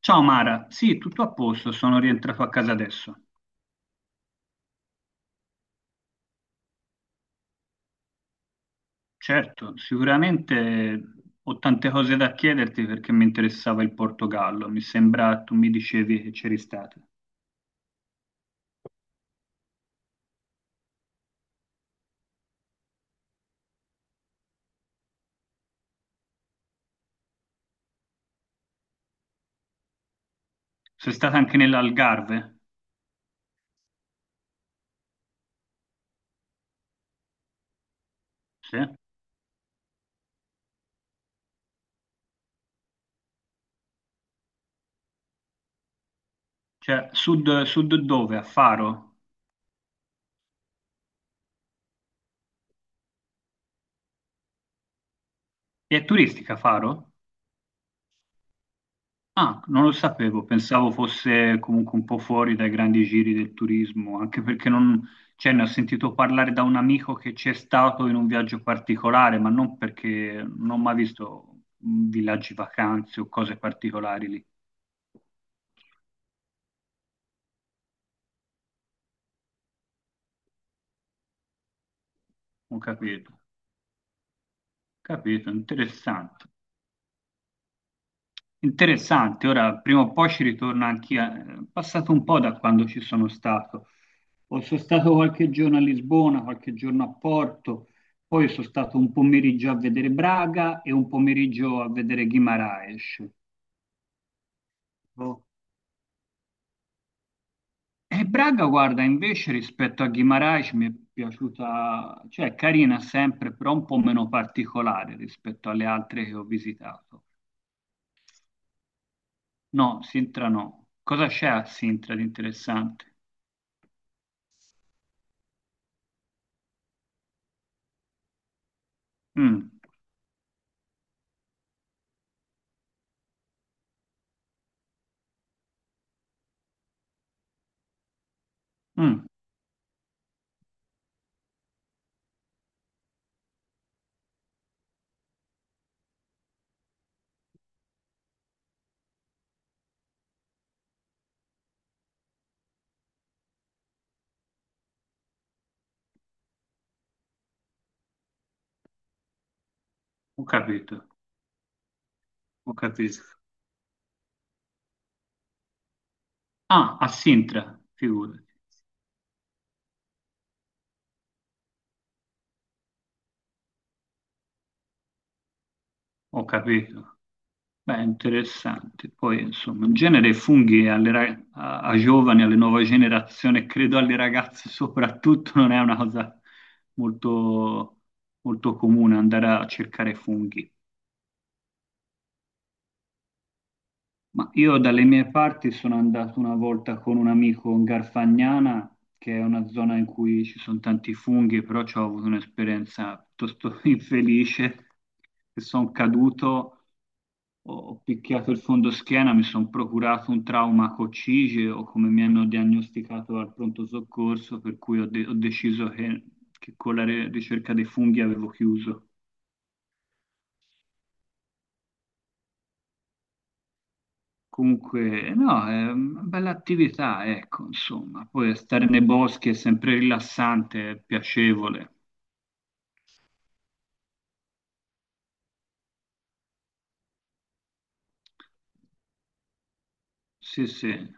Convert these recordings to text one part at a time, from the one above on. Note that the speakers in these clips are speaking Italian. Ciao Mara, sì, tutto a posto, sono rientrato a casa adesso. Certo, sicuramente ho tante cose da chiederti perché mi interessava il Portogallo, mi sembra tu mi dicevi che c'eri stata. Sei stata anche nell'Algarve? Sì. Cioè, sud, sud dove? A Faro? E è turistica Faro? Ah, non lo sapevo, pensavo fosse comunque un po' fuori dai grandi giri del turismo, anche perché non, cioè, ne ho sentito parlare da un amico che c'è stato in un viaggio particolare, ma non perché non ho mai visto villaggi vacanze o cose particolari lì. Ho capito, capito, interessante. Interessante, ora prima o poi ci ritorno anch'io, è passato un po' da quando ci sono stato. Poi sono stato qualche giorno a Lisbona, qualche giorno a Porto, poi sono stato un pomeriggio a vedere Braga e un pomeriggio a vedere Guimarães. Boh. E Braga, guarda, invece rispetto a Guimarães mi è piaciuta, cioè è carina sempre, però un po' meno particolare rispetto alle altre che ho visitato. No, Sintra no. Cosa c'è a Sintra di interessante? Mm, mm, ho capito, ho capito. Ah, a Sintra, figurati, ho capito. Beh, interessante. Poi, insomma, in genere i funghi a giovani, alle nuove generazioni, credo alle ragazze soprattutto, non è una cosa molto, molto comune andare a cercare funghi. Ma io dalle mie parti sono andato una volta con un amico in Garfagnana, che è una zona in cui ci sono tanti funghi, però ci ho avuto un'esperienza piuttosto infelice, che sono caduto. Ho picchiato il fondoschiena, mi sono procurato un trauma a coccige o come mi hanno diagnosticato al pronto soccorso, per cui ho deciso che, che con la ricerca dei funghi avevo chiuso. Comunque, no, è una bella attività, ecco, insomma. Poi stare nei boschi è sempre rilassante, è piacevole. Sì, sì.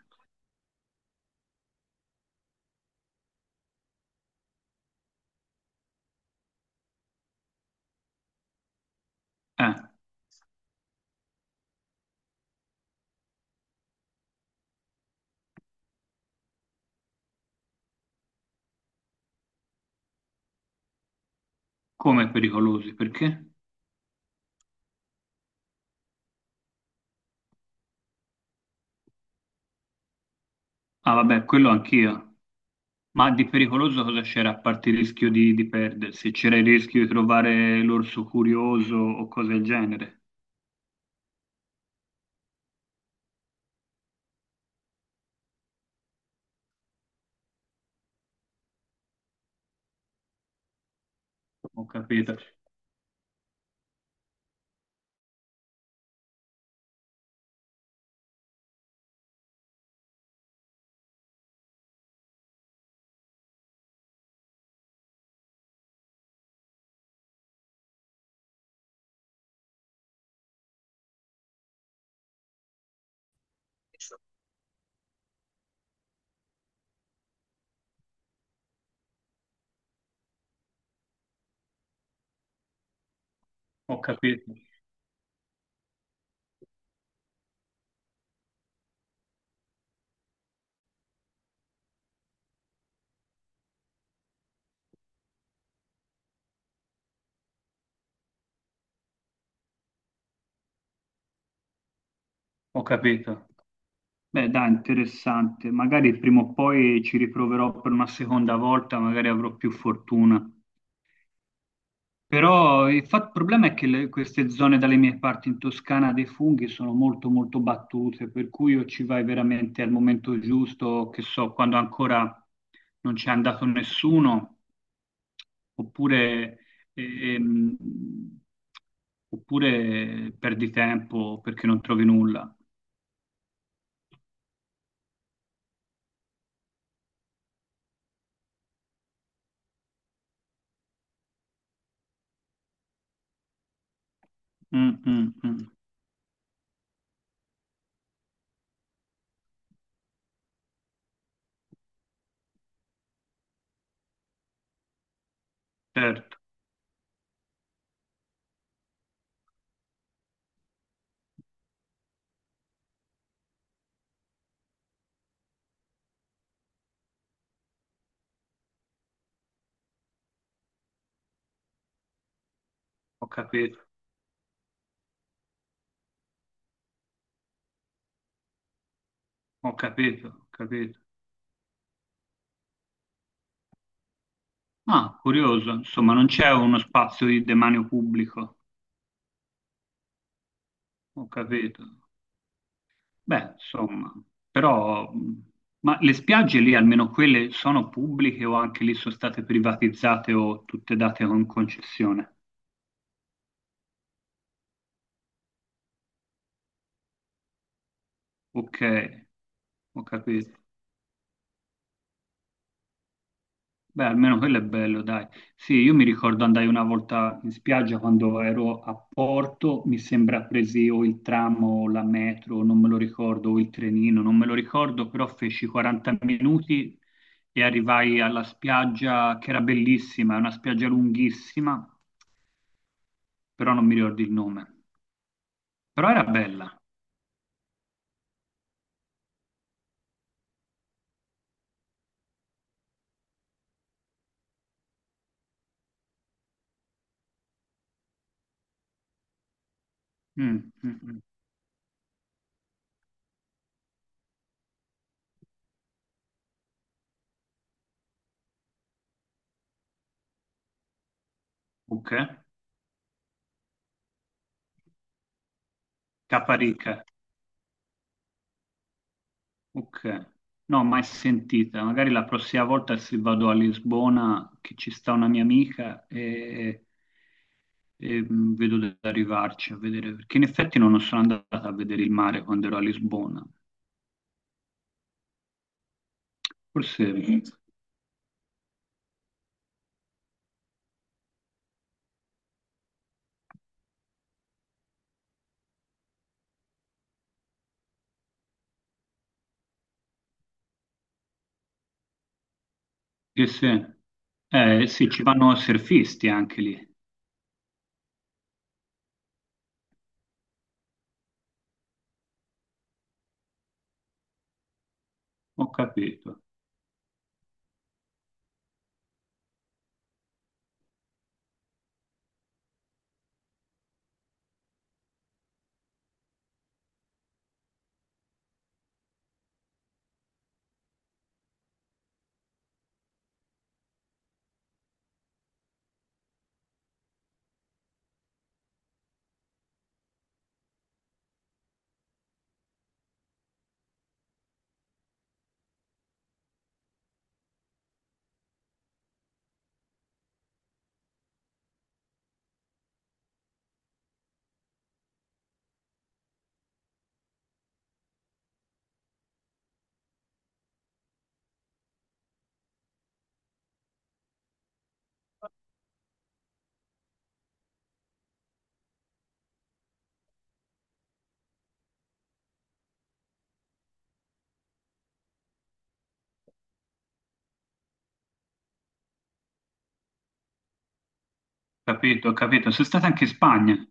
Eh, Come pericolosi, perché? Ah, vabbè, quello anch'io. Ma di pericoloso cosa c'era a parte il rischio di perdersi? C'era il rischio di trovare l'orso curioso o cose del genere? Ho capito, ho capito, ho capito. Beh, dai, interessante. Magari prima o poi ci riproverò per una seconda volta, magari avrò più fortuna. Però il fa- il problema è che le- queste zone dalle mie parti in Toscana dei funghi sono molto molto battute, per cui o ci vai veramente al momento giusto, che so, quando ancora non c'è andato nessuno, oppure, ehm, oppure perdi tempo perché non trovi nulla. Mm, mm, mm. Certo, ho capito, ho capito, ho capito. Ah, curioso, insomma, non c'è uno spazio di demanio pubblico, ho capito. Beh, insomma, però, ma le spiagge lì, almeno quelle, sono pubbliche o anche lì sono state privatizzate o tutte date con concessione? Ok, ho capito. Beh, almeno quello è bello, dai. Sì, io mi ricordo andai una volta in spiaggia quando ero a Porto, mi sembra presi o il tram o la metro, non me lo ricordo, o il trenino, non me lo ricordo, però feci 40 minuti e arrivai alla spiaggia che era bellissima, è una spiaggia lunghissima però non mi ricordo il nome. Però era bella. Mm, mm, mm. Ok. Caparica. Ok. No, mai sentita. Magari la prossima volta se vado a Lisbona, che ci sta una mia amica, e, mm, vedo di arrivarci a vedere, perché in effetti non sono andata a vedere il mare quando ero a Lisbona. Forse, che se, sì, ci vanno surfisti anche lì. Ho capito, capito, ho capito. Sei stata anche in Spagna.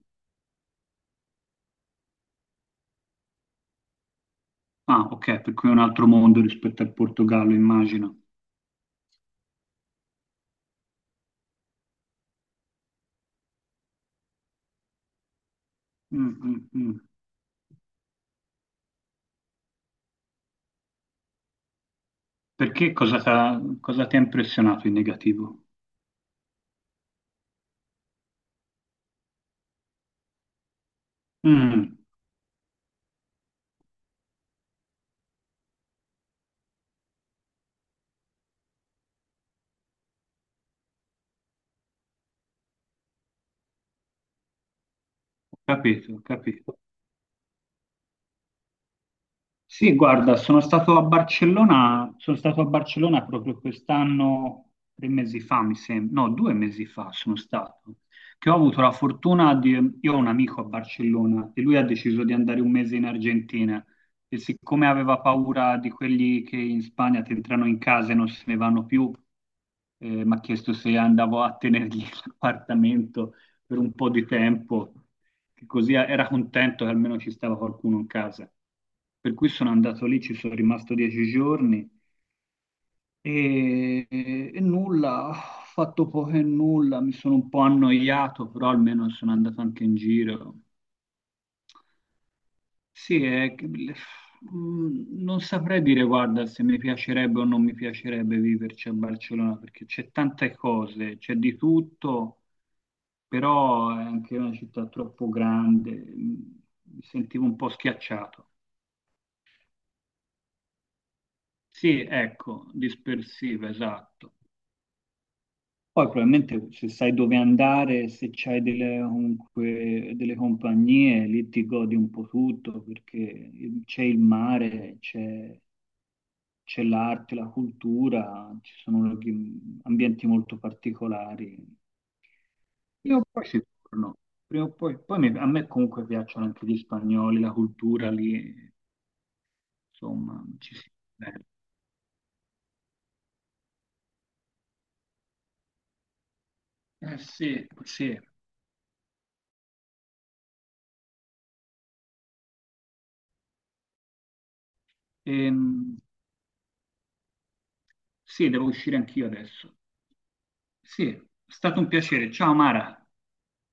Ah, ok, per cui è un altro mondo rispetto al Portogallo, immagino. Mm, mm, mm. Perché cosa t'ha- cosa ti ha impressionato in negativo? Mm, ho capito, ho capito. Sì, guarda, sono stato a Barcellona, sono stato a Barcellona proprio quest'anno, tre mesi fa, mi sembra, no, due mesi fa sono stato, che ho avuto la fortuna di, io ho un amico a Barcellona e lui ha deciso di andare 1 mese in Argentina e siccome aveva paura di quelli che in Spagna ti entrano in casa e non se ne vanno più, mi ha chiesto se andavo a tenergli l'appartamento per un po' di tempo che così era contento che almeno ci stava qualcuno in casa. Per cui sono andato lì, ci sono rimasto 10 giorni e nulla, ho fatto poco e nulla, mi sono un po' annoiato, però almeno sono andato anche in giro. Sì, non saprei dire, guarda, se mi piacerebbe o non mi piacerebbe viverci a Barcellona, perché c'è tante cose, c'è di tutto, però è anche una città troppo grande, mi sentivo un po' schiacciato. Sì, ecco, dispersiva, esatto. Poi probabilmente se sai dove andare, se c'hai delle, comunque, delle compagnie, lì ti godi un po' tutto, perché c'è il mare, c'è l'arte, la cultura, ci sono ambienti molto particolari. Prima o poi si torno, prima o poi, poi a me comunque piacciono anche gli spagnoli, la cultura lì, insomma, ci si... Eh sì, sì. Ehm, Sì, devo uscire anch'io adesso. Sì, è stato un piacere. Ciao Mara.